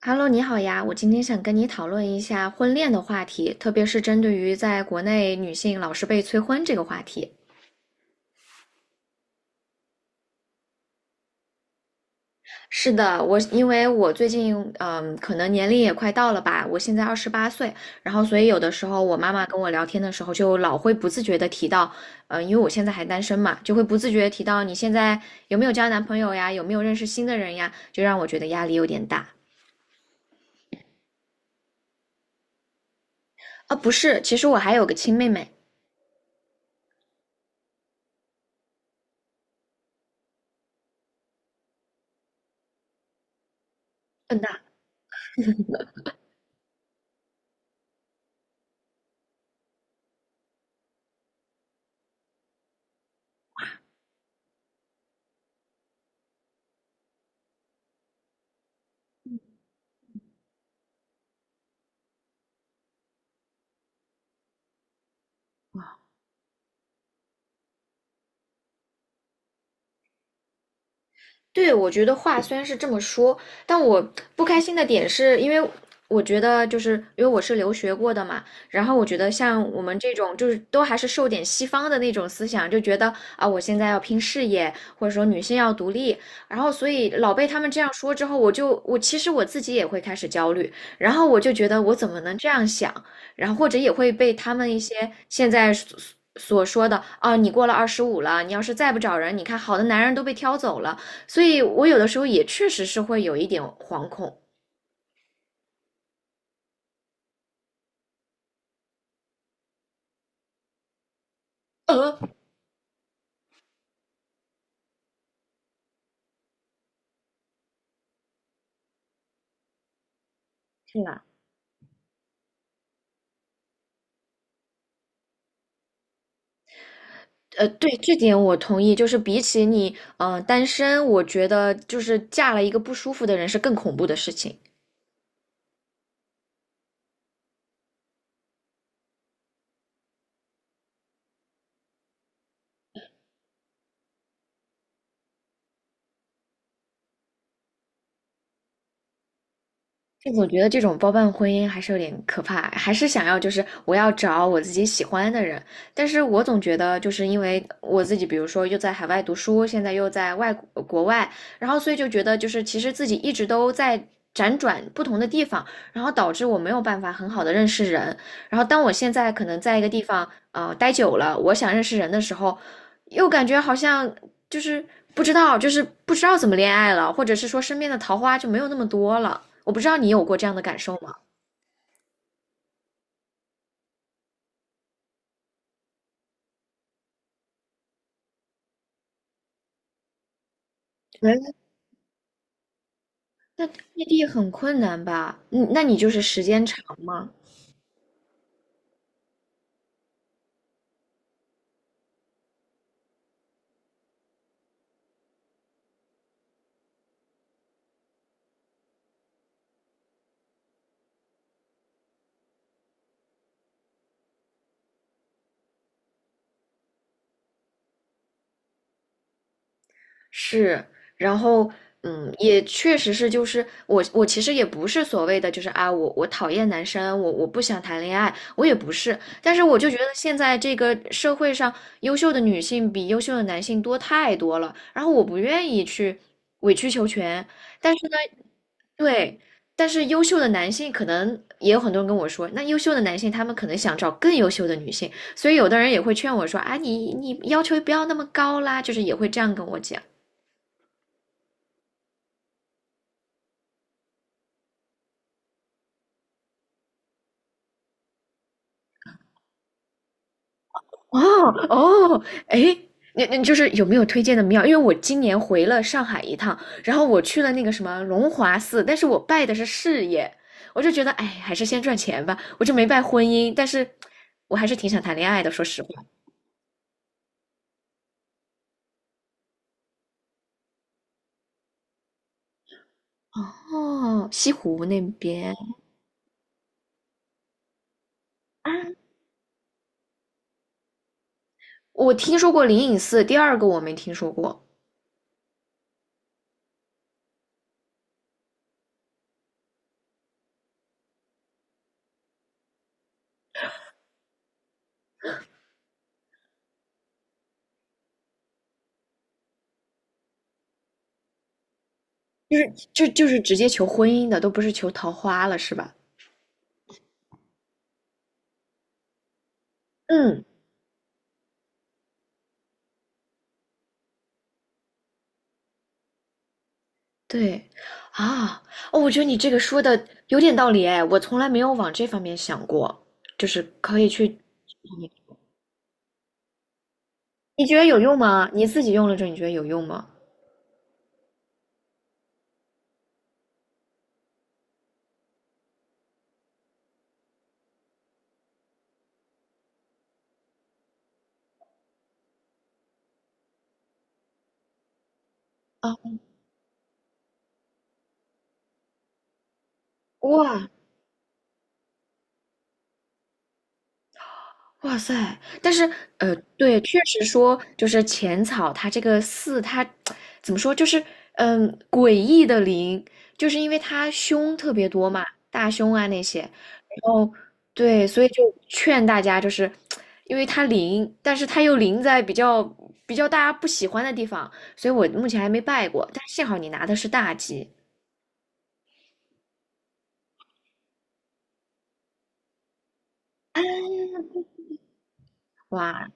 Hello，你好呀，我今天想跟你讨论一下婚恋的话题，特别是针对于在国内女性老是被催婚这个话题。是的，因为我最近可能年龄也快到了吧，我现在28岁。然后所以有的时候我妈妈跟我聊天的时候，就老会不自觉的提到。因为我现在还单身嘛，就会不自觉地提到你现在有没有交男朋友呀，有没有认识新的人呀，就让我觉得压力有点大。啊，不是，其实我还有个亲妹妹。嗯，对，我觉得话虽然是这么说，但我不开心的点是因为我觉得就是因为我是留学过的嘛，然后我觉得像我们这种就是都还是受点西方的那种思想，就觉得啊我现在要拼事业，或者说女性要独立。然后所以老被他们这样说之后，我就我其实我自己也会开始焦虑，然后我就觉得我怎么能这样想，然后或者也会被他们一些现在所说的啊你过了25了，你要是再不找人，你看好的男人都被挑走了。所以我有的时候也确实是会有一点惶恐。呃，是吧？对，这点我同意。就是比起你，单身，我觉得就是嫁了一个不舒服的人是更恐怖的事情。就总觉得这种包办婚姻还是有点可怕，还是想要就是我要找我自己喜欢的人。但是我总觉得就是因为我自己，比如说又在海外读书，现在又在国外，然后所以就觉得就是其实自己一直都在辗转不同的地方，然后导致我没有办法很好的认识人，然后当我现在可能在一个地方待久了，我想认识人的时候，又感觉好像就是就是不知道怎么恋爱了，或者是说身边的桃花就没有那么多了。我不知道你有过这样的感受吗？来异地很困难吧？嗯，那你就是时间长吗？是。然后也确实是，就是我其实也不是所谓的就是啊，我讨厌男生，我不想谈恋爱，我也不是。但是我就觉得现在这个社会上优秀的女性比优秀的男性多太多了，然后我不愿意去委曲求全。但是呢，对，但是优秀的男性可能也有很多人跟我说，那优秀的男性他们可能想找更优秀的女性，所以有的人也会劝我说啊，你要求不要那么高啦，就是也会这样跟我讲。哦，哦，哎，你就是有没有推荐的庙？因为我今年回了上海一趟，然后我去了那个什么龙华寺，但是我拜的是事业，我就觉得哎，还是先赚钱吧。我就没拜婚姻，但是我还是挺想谈恋爱的，说实话。哦，西湖那边。啊，我听说过灵隐寺，第二个我没听说过。就是直接求婚姻的，都不是求桃花了，是吧？嗯，对，啊，哦，我觉得你这个说的有点道理哎，我从来没有往这方面想过，就是可以去。你你觉得有用吗？你自己用了之后，你觉得有用吗？啊，哇，哇塞！但是，对，确实说，就是浅草它这个寺，它怎么说，就是诡异的灵，就是因为它凶特别多嘛，大凶啊那些。然后，对，所以就劝大家，就是因为它灵，但是它又灵在比较大家不喜欢的地方，所以我目前还没拜过。但幸好你拿的是大吉。哇，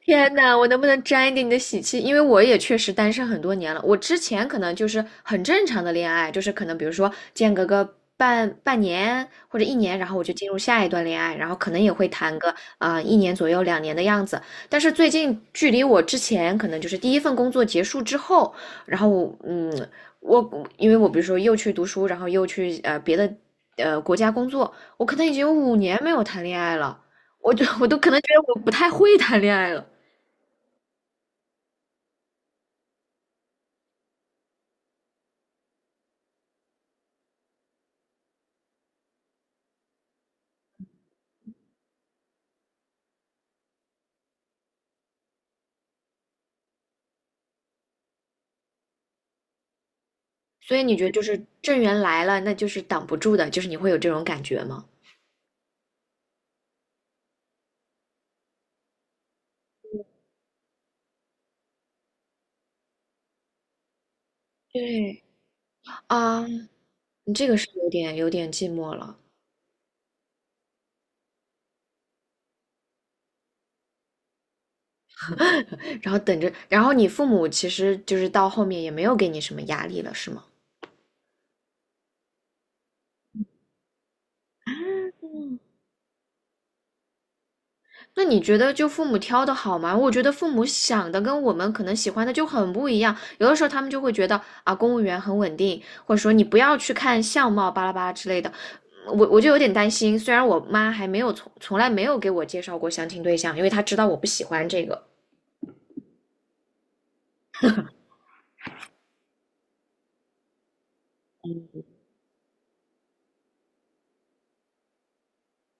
天呐，我能不能沾一点你的喜气？因为我也确实单身很多年了。我之前可能就是很正常的恋爱，就是可能比如说间隔个半年或者一年，然后我就进入下一段恋爱，然后可能也会谈个一年左右2年的样子。但是最近距离我之前可能就是第一份工作结束之后，然后我嗯，我因为我比如说又去读书，然后又去别的国家工作，我可能已经有5年没有谈恋爱了。我都可能觉得我不太会谈恋爱了。所以你觉得就是正缘来了，那就是挡不住的，就是你会有这种感觉吗？对，啊，你这个是有点寂寞了。然后等着，然后你父母其实就是到后面也没有给你什么压力了，是吗？那你觉得就父母挑的好吗？我觉得父母想的跟我们可能喜欢的就很不一样，有的时候他们就会觉得啊，公务员很稳定，或者说你不要去看相貌巴拉巴拉之类的，我就有点担心，虽然我妈还没有从来没有给我介绍过相亲对象，因为她知道我不喜欢这个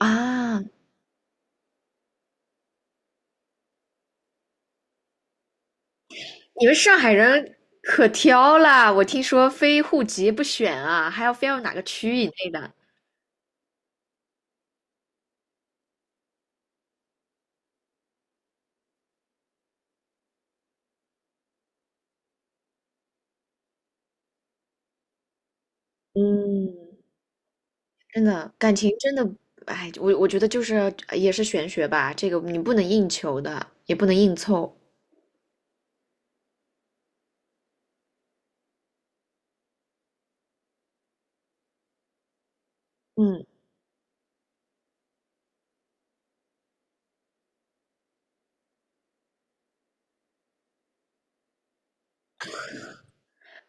啊。你们上海人可挑啦，我听说非户籍不选啊，还要非要哪个区以内的。嗯，真的感情真的，哎，我觉得就是也是玄学吧，这个你不能硬求的，也不能硬凑。嗯，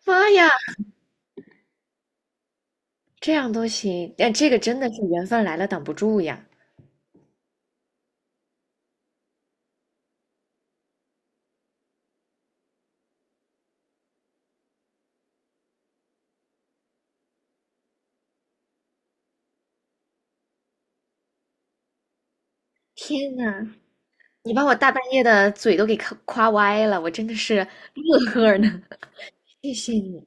妈呀，这样都行，但这个真的是缘分来了挡不住呀！天呐，你把我大半夜的嘴都给夸夸歪了，我真的是乐呵呢。谢谢你，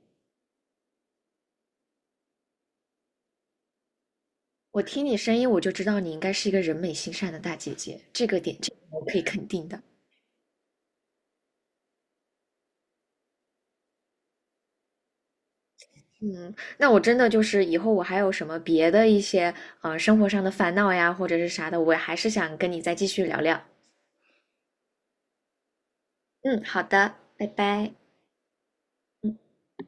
我听你声音我就知道你应该是一个人美心善的大姐姐，这个点这个我可以肯定的。嗯，那我真的就是以后我还有什么别的一些生活上的烦恼呀，或者是啥的，我还是想跟你再继续聊聊。嗯，好的，拜拜。嗯。